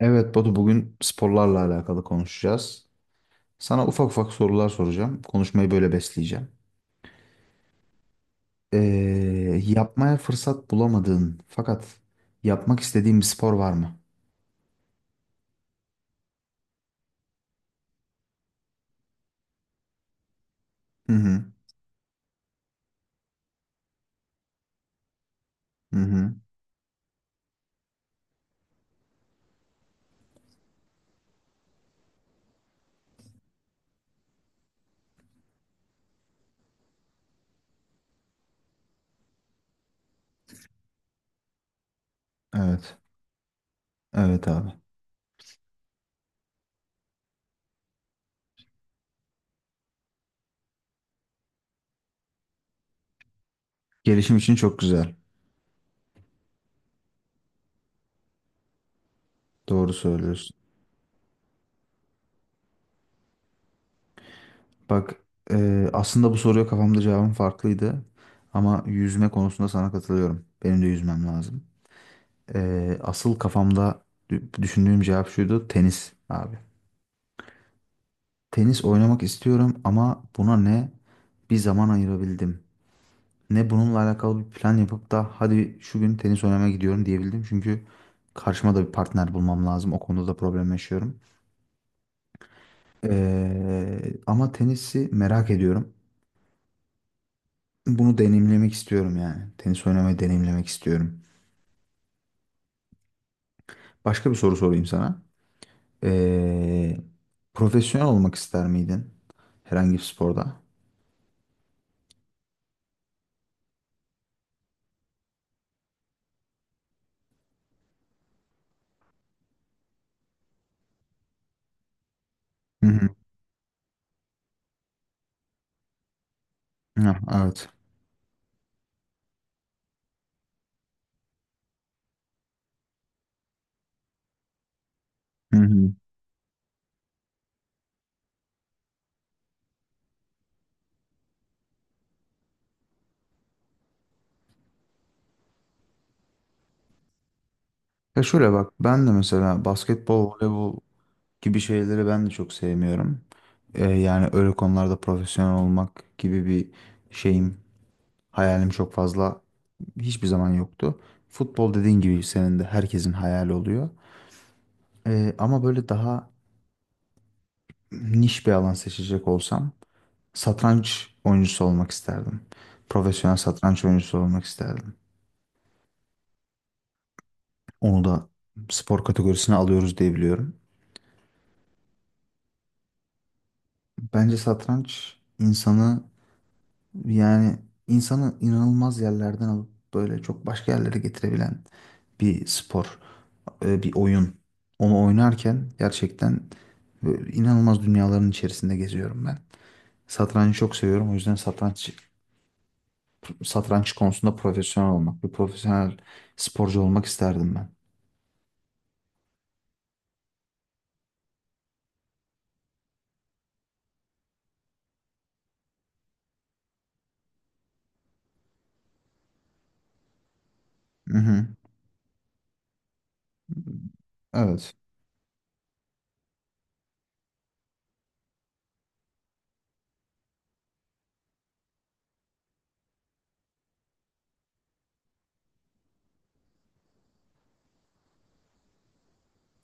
Evet Batu, bugün sporlarla alakalı konuşacağız. Sana ufak ufak sorular soracağım. Konuşmayı böyle besleyeceğim. Ee, yapmaya fırsat bulamadığın fakat yapmak istediğin bir spor var mı? Hı hı. Hı hı. Evet. Evet abi. Gelişim için çok güzel. Doğru söylüyorsun. Bak, aslında bu soruya kafamda cevabım farklıydı. Ama yüzme konusunda sana katılıyorum. Benim de yüzmem lazım. Asıl kafamda düşündüğüm cevap şuydu, tenis abi. Tenis oynamak istiyorum ama buna ne bir zaman ayırabildim, ne bununla alakalı bir plan yapıp da hadi şu gün tenis oynamaya gidiyorum diyebildim. Çünkü karşıma da bir partner bulmam lazım. O konuda da problem yaşıyorum. Ama tenisi merak ediyorum. Bunu deneyimlemek istiyorum yani. Tenis oynamayı deneyimlemek istiyorum. Başka bir soru sorayım sana. Ee, profesyonel olmak ister miydin? Herhangi bir sporda? Hı hı. Hı, evet. Ya şöyle bak, ben de mesela basketbol, voleybol gibi şeyleri ben de çok sevmiyorum. Yani öyle konularda profesyonel olmak gibi bir şeyim, hayalim çok fazla hiçbir zaman yoktu. Futbol dediğin gibi senin de herkesin hayali oluyor. Ama böyle daha niş bir alan seçecek olsam satranç oyuncusu olmak isterdim. Profesyonel satranç oyuncusu olmak isterdim. Onu da spor kategorisine alıyoruz diye biliyorum. Bence satranç insanı, yani insanı inanılmaz yerlerden alıp böyle çok başka yerlere getirebilen bir spor, bir oyun. Onu oynarken gerçekten böyle inanılmaz dünyaların içerisinde geziyorum ben. Satrancı çok seviyorum. O yüzden satranç konusunda profesyonel olmak, bir profesyonel sporcu olmak isterdim ben. Hı hı. Evet.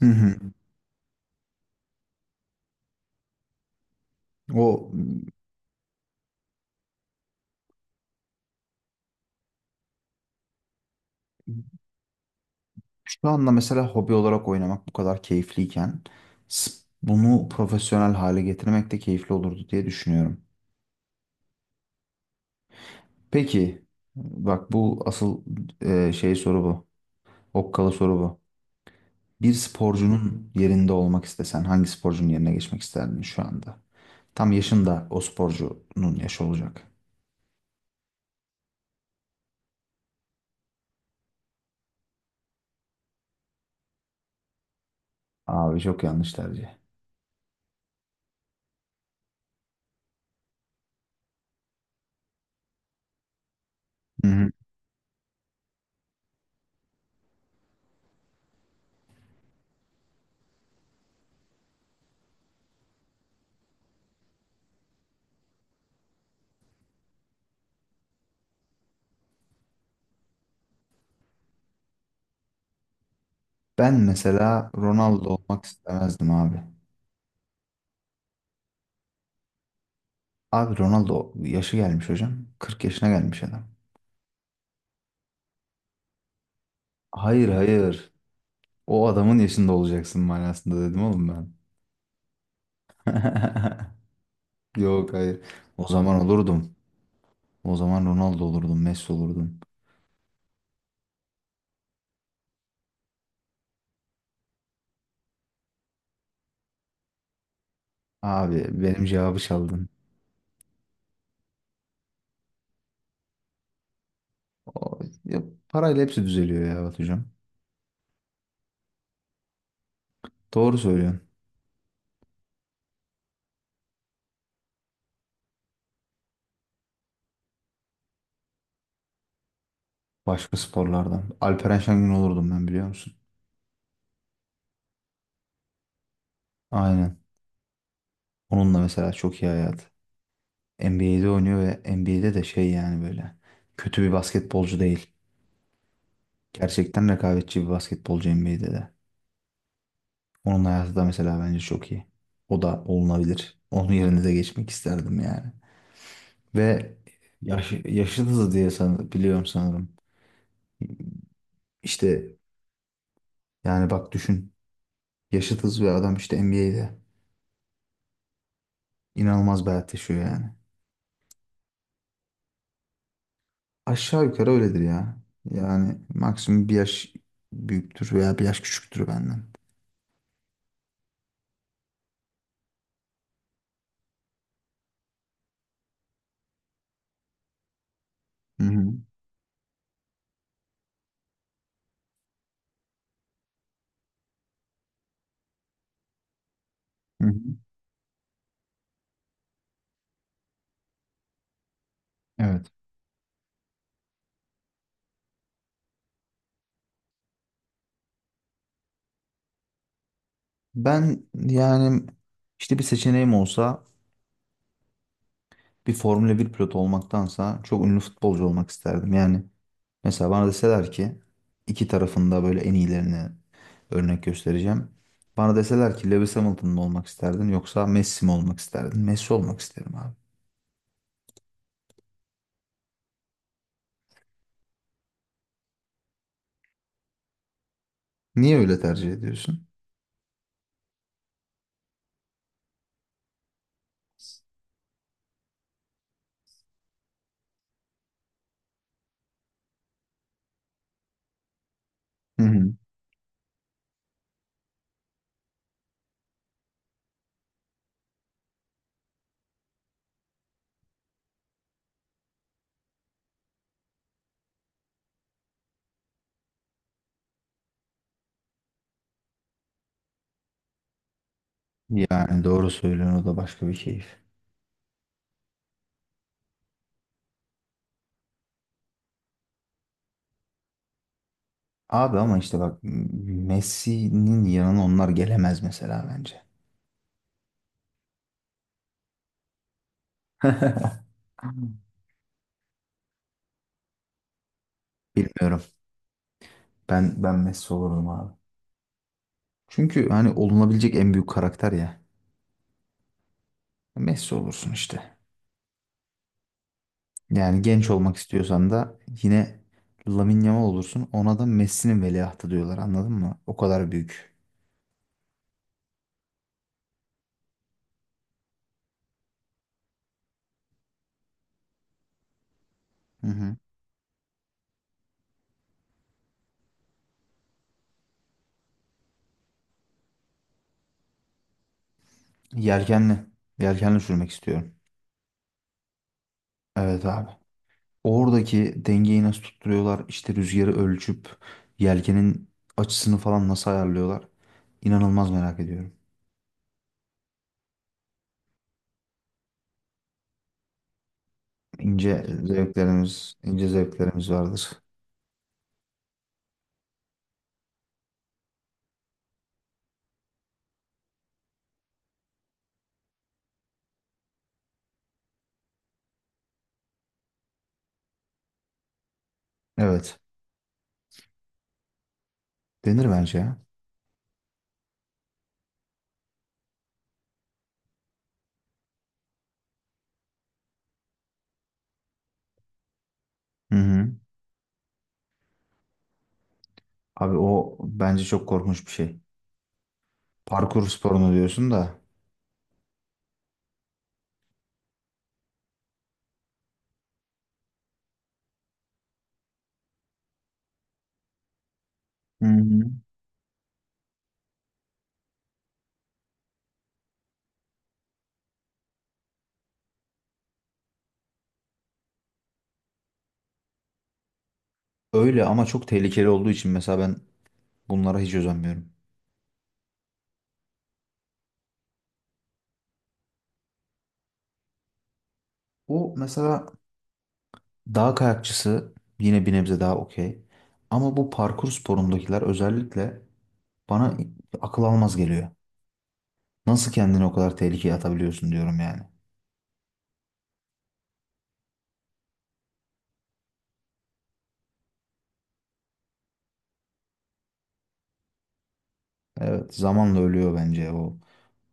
Hı hı. O şu anda mesela hobi olarak oynamak bu kadar keyifliyken, s- bunu profesyonel hale getirmek de keyifli olurdu diye düşünüyorum. Peki, bak bu asıl, şey soru bu. Okkalı soru bu. Bir sporcunun yerinde olmak istesen hangi sporcunun yerine geçmek isterdin şu anda? Tam yaşın da o sporcunun yaşı olacak. Abi çok yanlış tercih. Hı hı. Ben mesela Ronaldo olmak istemezdim abi. Abi Ronaldo yaşı gelmiş hocam. 40 yaşına gelmiş adam. Hayır, hayır. O adamın yaşında olacaksın manasında dedim oğlum ben. Yok, hayır. O zaman olurdum. O zaman Ronaldo olurdun, Messi olurdun. Abi benim cevabı çaldın. O, ya, parayla hepsi düzeliyor ya Batucuğum. Doğru söylüyorsun. Başka sporlardan. Alperen Şengün olurdum ben, biliyor musun? Aynen. Onunla mesela çok iyi hayat. NBA'de oynuyor ve NBA'de de şey yani böyle. Kötü bir basketbolcu değil. Gerçekten rekabetçi bir basketbolcu NBA'de de. Onun hayatı da mesela bence çok iyi. O da olunabilir. Onun yerine de geçmek isterdim yani. Ve yaşı da diye san, biliyorum sanırım. İşte yani bak düşün. Yaşıtız ve adam işte NBA'de. İnanılmaz bir hayat yaşıyor yani. Aşağı yukarı öyledir ya. Yani maksimum bir yaş büyüktür veya bir yaş küçüktür benden. Hı hı. Hı hı. Evet. Ben yani işte bir seçeneğim olsa bir Formula bir pilotu olmaktansa çok ünlü futbolcu olmak isterdim. Yani mesela bana deseler ki iki tarafında böyle en iyilerini örnek göstereceğim. Bana deseler ki Lewis Hamilton mı olmak isterdin yoksa Messi mi olmak isterdin? Messi olmak isterim abi. Niye öyle tercih ediyorsun? Hı hı. Yani doğru söylüyorsun, o da başka bir keyif. Abi ama işte bak, Messi'nin yanına onlar gelemez mesela bence. Bilmiyorum. Ben Messi olurdum abi. Çünkü hani olunabilecek en büyük karakter ya. Messi olursun işte. Yani genç olmak istiyorsan da yine Lamine Yamal olursun. Ona da Messi'nin veliahtı diyorlar, anladın mı? O kadar büyük. Hı hı. Yelkenli. Yelkenli sürmek istiyorum. Evet abi. Oradaki dengeyi nasıl tutturuyorlar? İşte rüzgarı ölçüp yelkenin açısını falan nasıl ayarlıyorlar? İnanılmaz merak ediyorum. İnce zevklerimiz, ince zevklerimiz vardır. Evet. Denir bence ya. Hı hı. Abi o bence çok korkunç bir şey. Parkur sporunu diyorsun da. Hı hı. Öyle ama çok tehlikeli olduğu için mesela ben bunlara hiç özenmiyorum. Bu mesela dağ kayakçısı yine bir nebze daha okey. Ama bu parkur sporundakiler özellikle bana akıl almaz geliyor. Nasıl kendini o kadar tehlikeye atabiliyorsun diyorum yani. Evet zamanla ölüyor bence o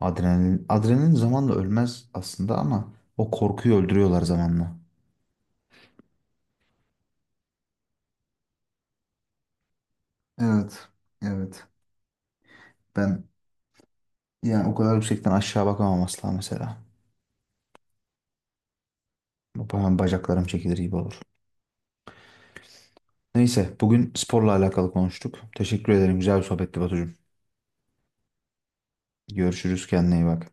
adrenalin. Adrenalin zamanla ölmez aslında ama o korkuyu öldürüyorlar zamanla. Evet, evet. Ben yani o kadar yüksekten aşağı bakamam asla mesela. Hemen bacaklarım çekilir gibi olur. Neyse bugün sporla alakalı konuştuk. Teşekkür ederim. Güzel bir sohbetti Batucuğum. Görüşürüz. Kendine iyi bak.